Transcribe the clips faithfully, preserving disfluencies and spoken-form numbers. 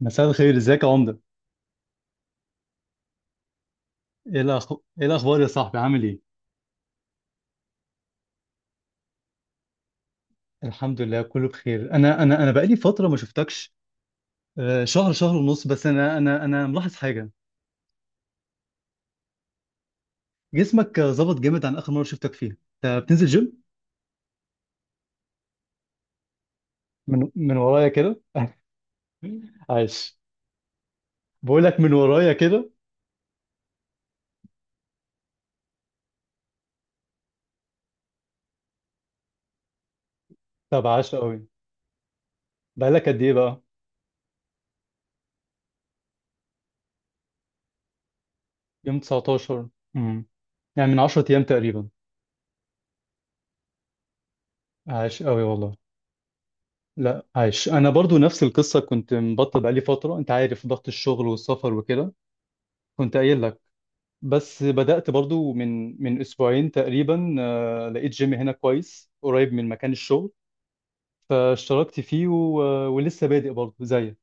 مساء الخير، ازيك يا عمده؟ ايه الأخ... ايه الاخبار يا صاحبي؟ عامل ايه؟ الحمد لله، كله بخير. انا انا انا بقالي فتره ما شفتكش. آه، شهر شهر ونص بس. انا انا انا ملاحظ حاجه. جسمك آه، ظبط جامد عن اخر مره شفتك فيها. انت بتنزل جيم؟ من من ورايا كده؟ عايش. بقول لك من ورايا كده. طب عاش قوي. بقالك قد ايه بقى؟ يوم تسعة عشر. امم يعني من عشر ايام تقريبا. عاش قوي والله. لا عايش، انا برضو نفس القصه، كنت مبطل بقالي فتره، انت عارف ضغط الشغل والسفر وكده. كنت قايل لك. بس بدأت برضو من من أسبوعين تقريبا. آه، لقيت جيم هنا كويس قريب من مكان الشغل، فاشتركت فيه و... ولسه بادئ برضو زيك،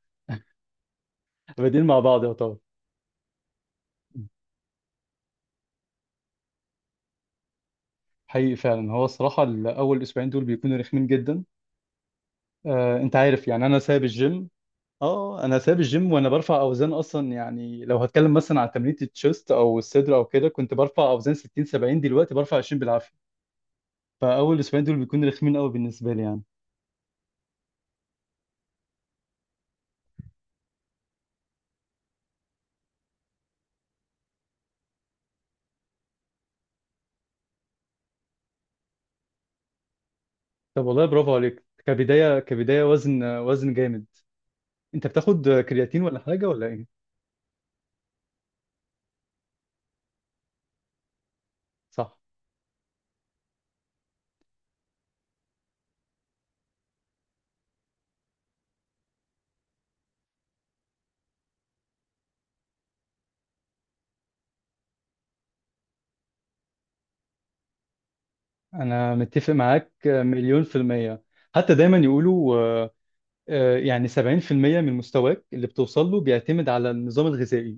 بادئين مع بعض يعتبر. حقيقي فعلا، هو الصراحة الأول أسبوعين دول بيكونوا رخمين جدا. آه، أنت عارف يعني أنا سايب الجيم. أه أنا سايب الجيم وأنا برفع أوزان أصلا. يعني لو هتكلم مثلا عن تمرينة التشيست أو الصدر أو كده، كنت برفع أوزان ستين سبعين، دلوقتي برفع عشرين بالعافية. فأول أسبوعين دول بيكونوا رخمين قوي بالنسبة لي يعني. طب والله برافو عليك، كبداية كبداية وزن وزن جامد. انت بتاخد كرياتين ولا حاجة ولا ايه؟ صح. انا متفق معاك مليون في المية. حتى دايما يقولوا آه، آه، يعني سبعين في المية من مستواك اللي بتوصل له بيعتمد على النظام الغذائي،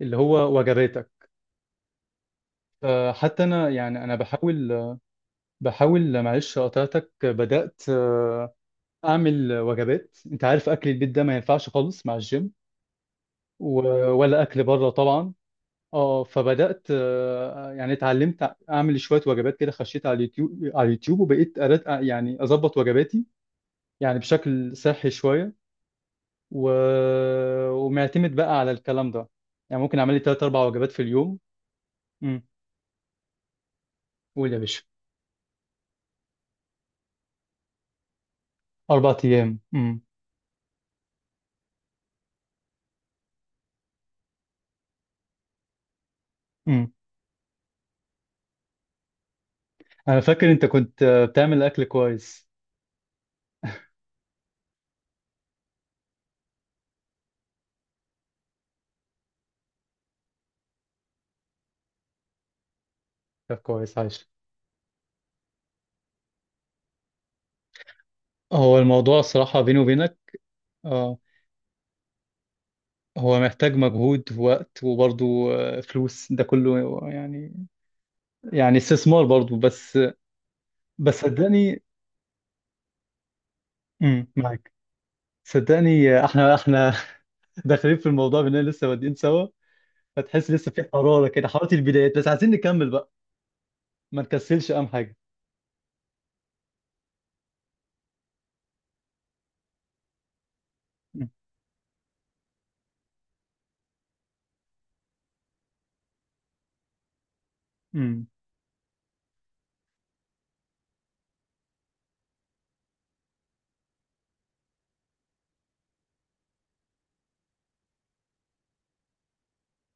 اللي هو وجباتك. آه، حتى انا يعني انا بحاول. بحاول، معلش قطعتك، بدأت آه، اعمل وجبات. انت عارف اكل البيت ده ما ينفعش خالص مع الجيم، و- ولا اكل بره طبعا. اه فبدات آه، يعني اتعلمت اعمل شويه وجبات كده، خشيت على اليوتيوب، على اليوتيوب وبقيت أرد آه، يعني اظبط وجباتي يعني بشكل صحي شويه. و... ومعتمد بقى على الكلام ده. يعني ممكن اعمل لي ثلاث اربع وجبات في اليوم. امم. قول يا باشا. اربع ايام. امم. امم. انا فاكر انت كنت آه، بتعمل اكل كويس. طب كويس عايش. هو الموضوع الصراحه بيني وبينك، اه، هو محتاج مجهود ووقت وبرضه آه، فلوس، ده كله يعني، يعني استثمار برضو بس. بس صدقني. امم، معاك. صدقني، احنا احنا داخلين في الموضوع باننا لسه بادئين سوا، فتحس لسه في حراره كده، حراره البدايات، بس عايزين نكمل بقى. ما نكسلش اهم حاجه. امم. امم.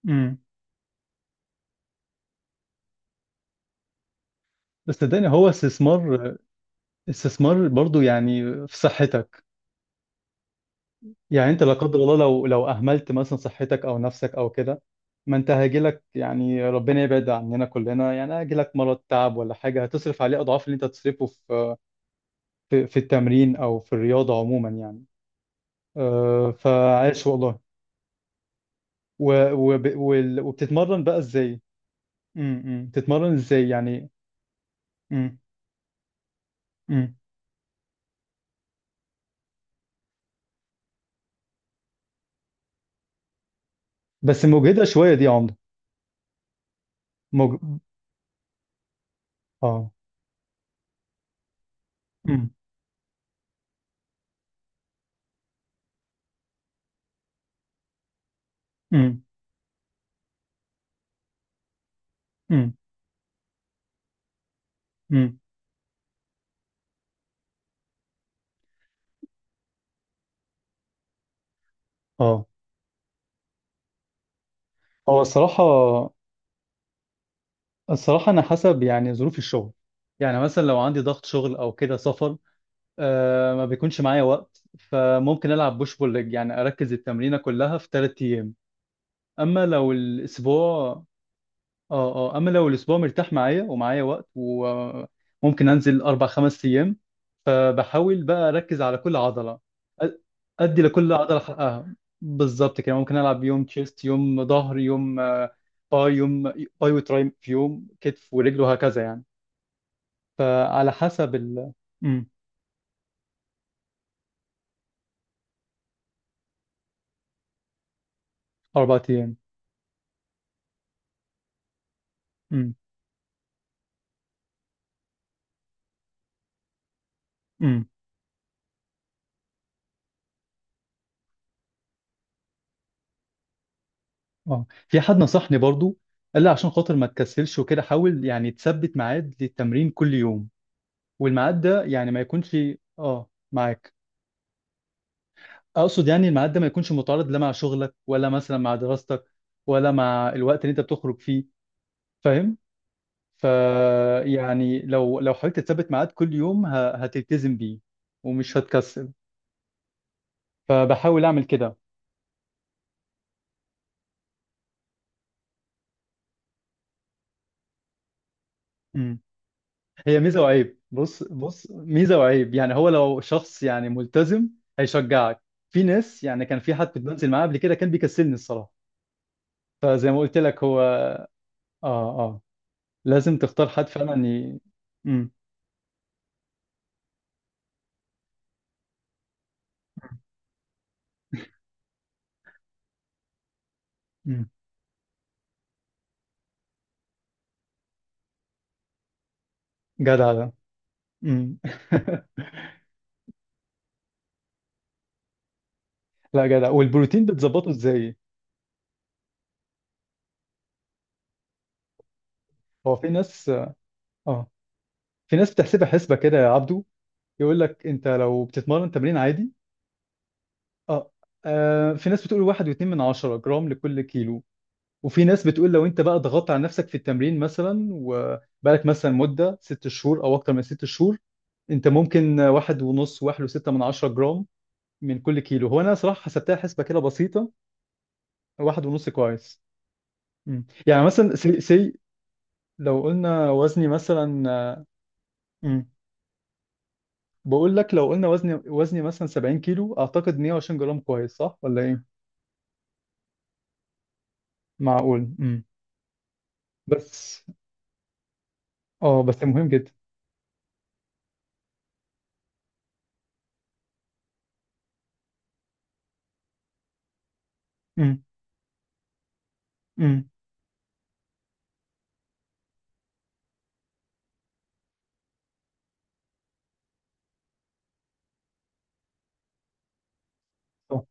أمم. بس صدقني هو استثمار، استثمار برضو يعني، في صحتك. يعني انت لا قدر الله لو لو اهملت مثلا صحتك او نفسك او كده، ما انت هيجيلك، يعني ربنا يبعد عننا كلنا، يعني هيجيلك مرض، تعب، ولا حاجه، هتصرف عليه اضعاف اللي انت هتصرفه في في في التمرين او في الرياضه عموما يعني. آه، فعاش والله. و... وب... وال... وبتتمرن بقى ازاي؟ امم. بتتمرن ازاي يعني؟ امم. امم. بس مجهدة شوية دي يا عمده. مج... اه. امم. امم. امم. امم. اه. هو الصراحة، الصراحة انا حسب يعني ظروف الشغل. يعني مثلا لو عندي ضغط شغل او كده سفر، آه، ما بيكونش معايا وقت، فممكن العب بوش بول ليج يعني، اركز التمرينة كلها في ثلاث ايام. اما لو الاسبوع... اه، اه، اما لو الاسبوع مرتاح معايا ومعايا وقت وممكن انزل اربع خمس ايام، فبحاول بقى اركز على كل عضله. أ- ادي لكل عضله حقها. بالظبط كده ممكن العب يوم تشيست، يوم ظهر، يوم آه، باي، يوم باي وتراي، في يوم كتف ورجل وهكذا يعني. فعلى حسب ال... امم. اربع ايام. امم. امم. اه، في حد نصحني برضو، قال لي عشان خاطر ما تكسلش وكده حاول يعني تثبت ميعاد للتمرين كل يوم، والميعاد ده يعني ما يكونش... اه، معاك. اقصد يعني الميعاد ده ما يكونش متعارض، لا مع شغلك، ولا مثلا مع دراستك، ولا مع الوقت اللي انت بتخرج فيه. فاهم؟ ف... يعني لو لو حاولت تثبت ميعاد كل يوم، ه- هتلتزم بيه ومش هتكسل، فبحاول اعمل كده. مم. هي ميزة وعيب، بص بص، ميزة وعيب يعني. هو لو شخص يعني ملتزم، هيشجعك. في ناس يعني، كان في حد كنت بنزل معاه قبل كده كان بيكسلني الصراحة، فزي ما قلت لك هو، اه، آه. لازم تختار حد فعلا ي... مم. مم. جدع ده. مم. لا جدع. والبروتين بتظبطه ازاي؟ هو في ناس، اه، في ناس بتحسبها حسبة كده يا عبدو. يقول لك انت لو بتتمرن تمرين عادي، اه، آه، في ناس بتقول واحد واتنين من عشرة جرام لكل كيلو، وفي ناس بتقول لو انت بقى ضغطت على نفسك في التمرين مثلا، وبقالك مثلا مدة ست شهور او اكتر من ست شهور، انت ممكن واحد ونص، واحد وستة من عشرة جرام من كل كيلو. هو انا صراحة حسبتها حسبة كده بسيطة. واحد ونص كويس. مم. يعني مثلا سي, سي لو قلنا وزني مثلا آه، مم. بقول لك لو قلنا وزني وزني مثلا سبعين كيلو، اعتقد مية وعشرين جرام كويس، صح ولا ايه؟ معقول. مم. بس. اه بس مهم جدا. مم. مم. صح.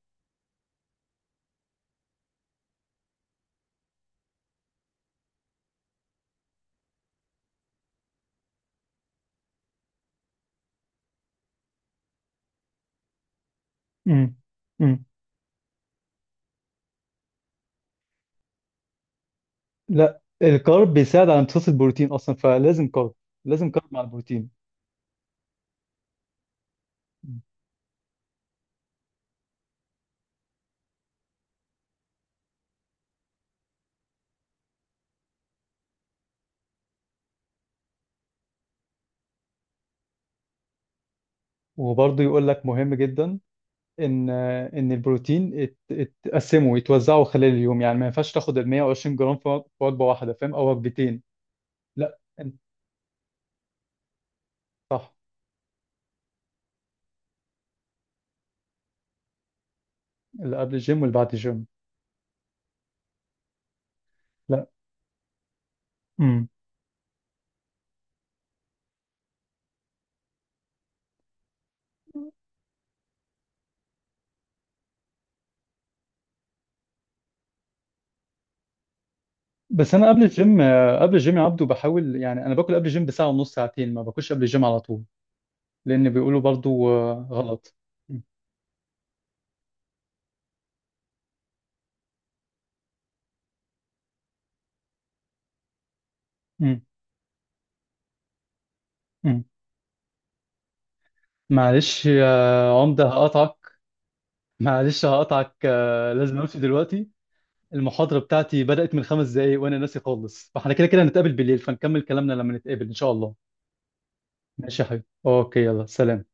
مم. مم. لا، الكارب بيساعد على امتصاص البروتين اصلا، فلازم كارب، لازم كارب مع البروتين. مم. وبرضه يقول لك مهم جدا ان ان البروتين ات- اتقسموا يتوزعوا خلال اليوم، يعني ما ينفعش تاخد ال مية وعشرين جرام في في وجبه واحده فاهم، او وجبتين. لا انت. صح. اللي قبل الجيم واللي بعد الجيم. لا. امم. بس انا قبل الجيم، قبل الجيم يا عبدو بحاول يعني، انا باكل قبل الجيم بساعه ونص ساعتين، ما باكلش قبل الجيم على طول، لان بيقولوا برضو آه، غلط. امم. امم. معلش يا عمده هقطعك، معلش هقطعك، آه، لازم امشي دلوقتي. المحاضرة بتاعتي بدأت من خمس دقايق وأنا ناسي خالص، فاحنا كده كده هنتقابل بالليل، فنكمل كلامنا لما نتقابل إن شاء الله. ماشي يا حبيبي، أوكي، يلا سلام.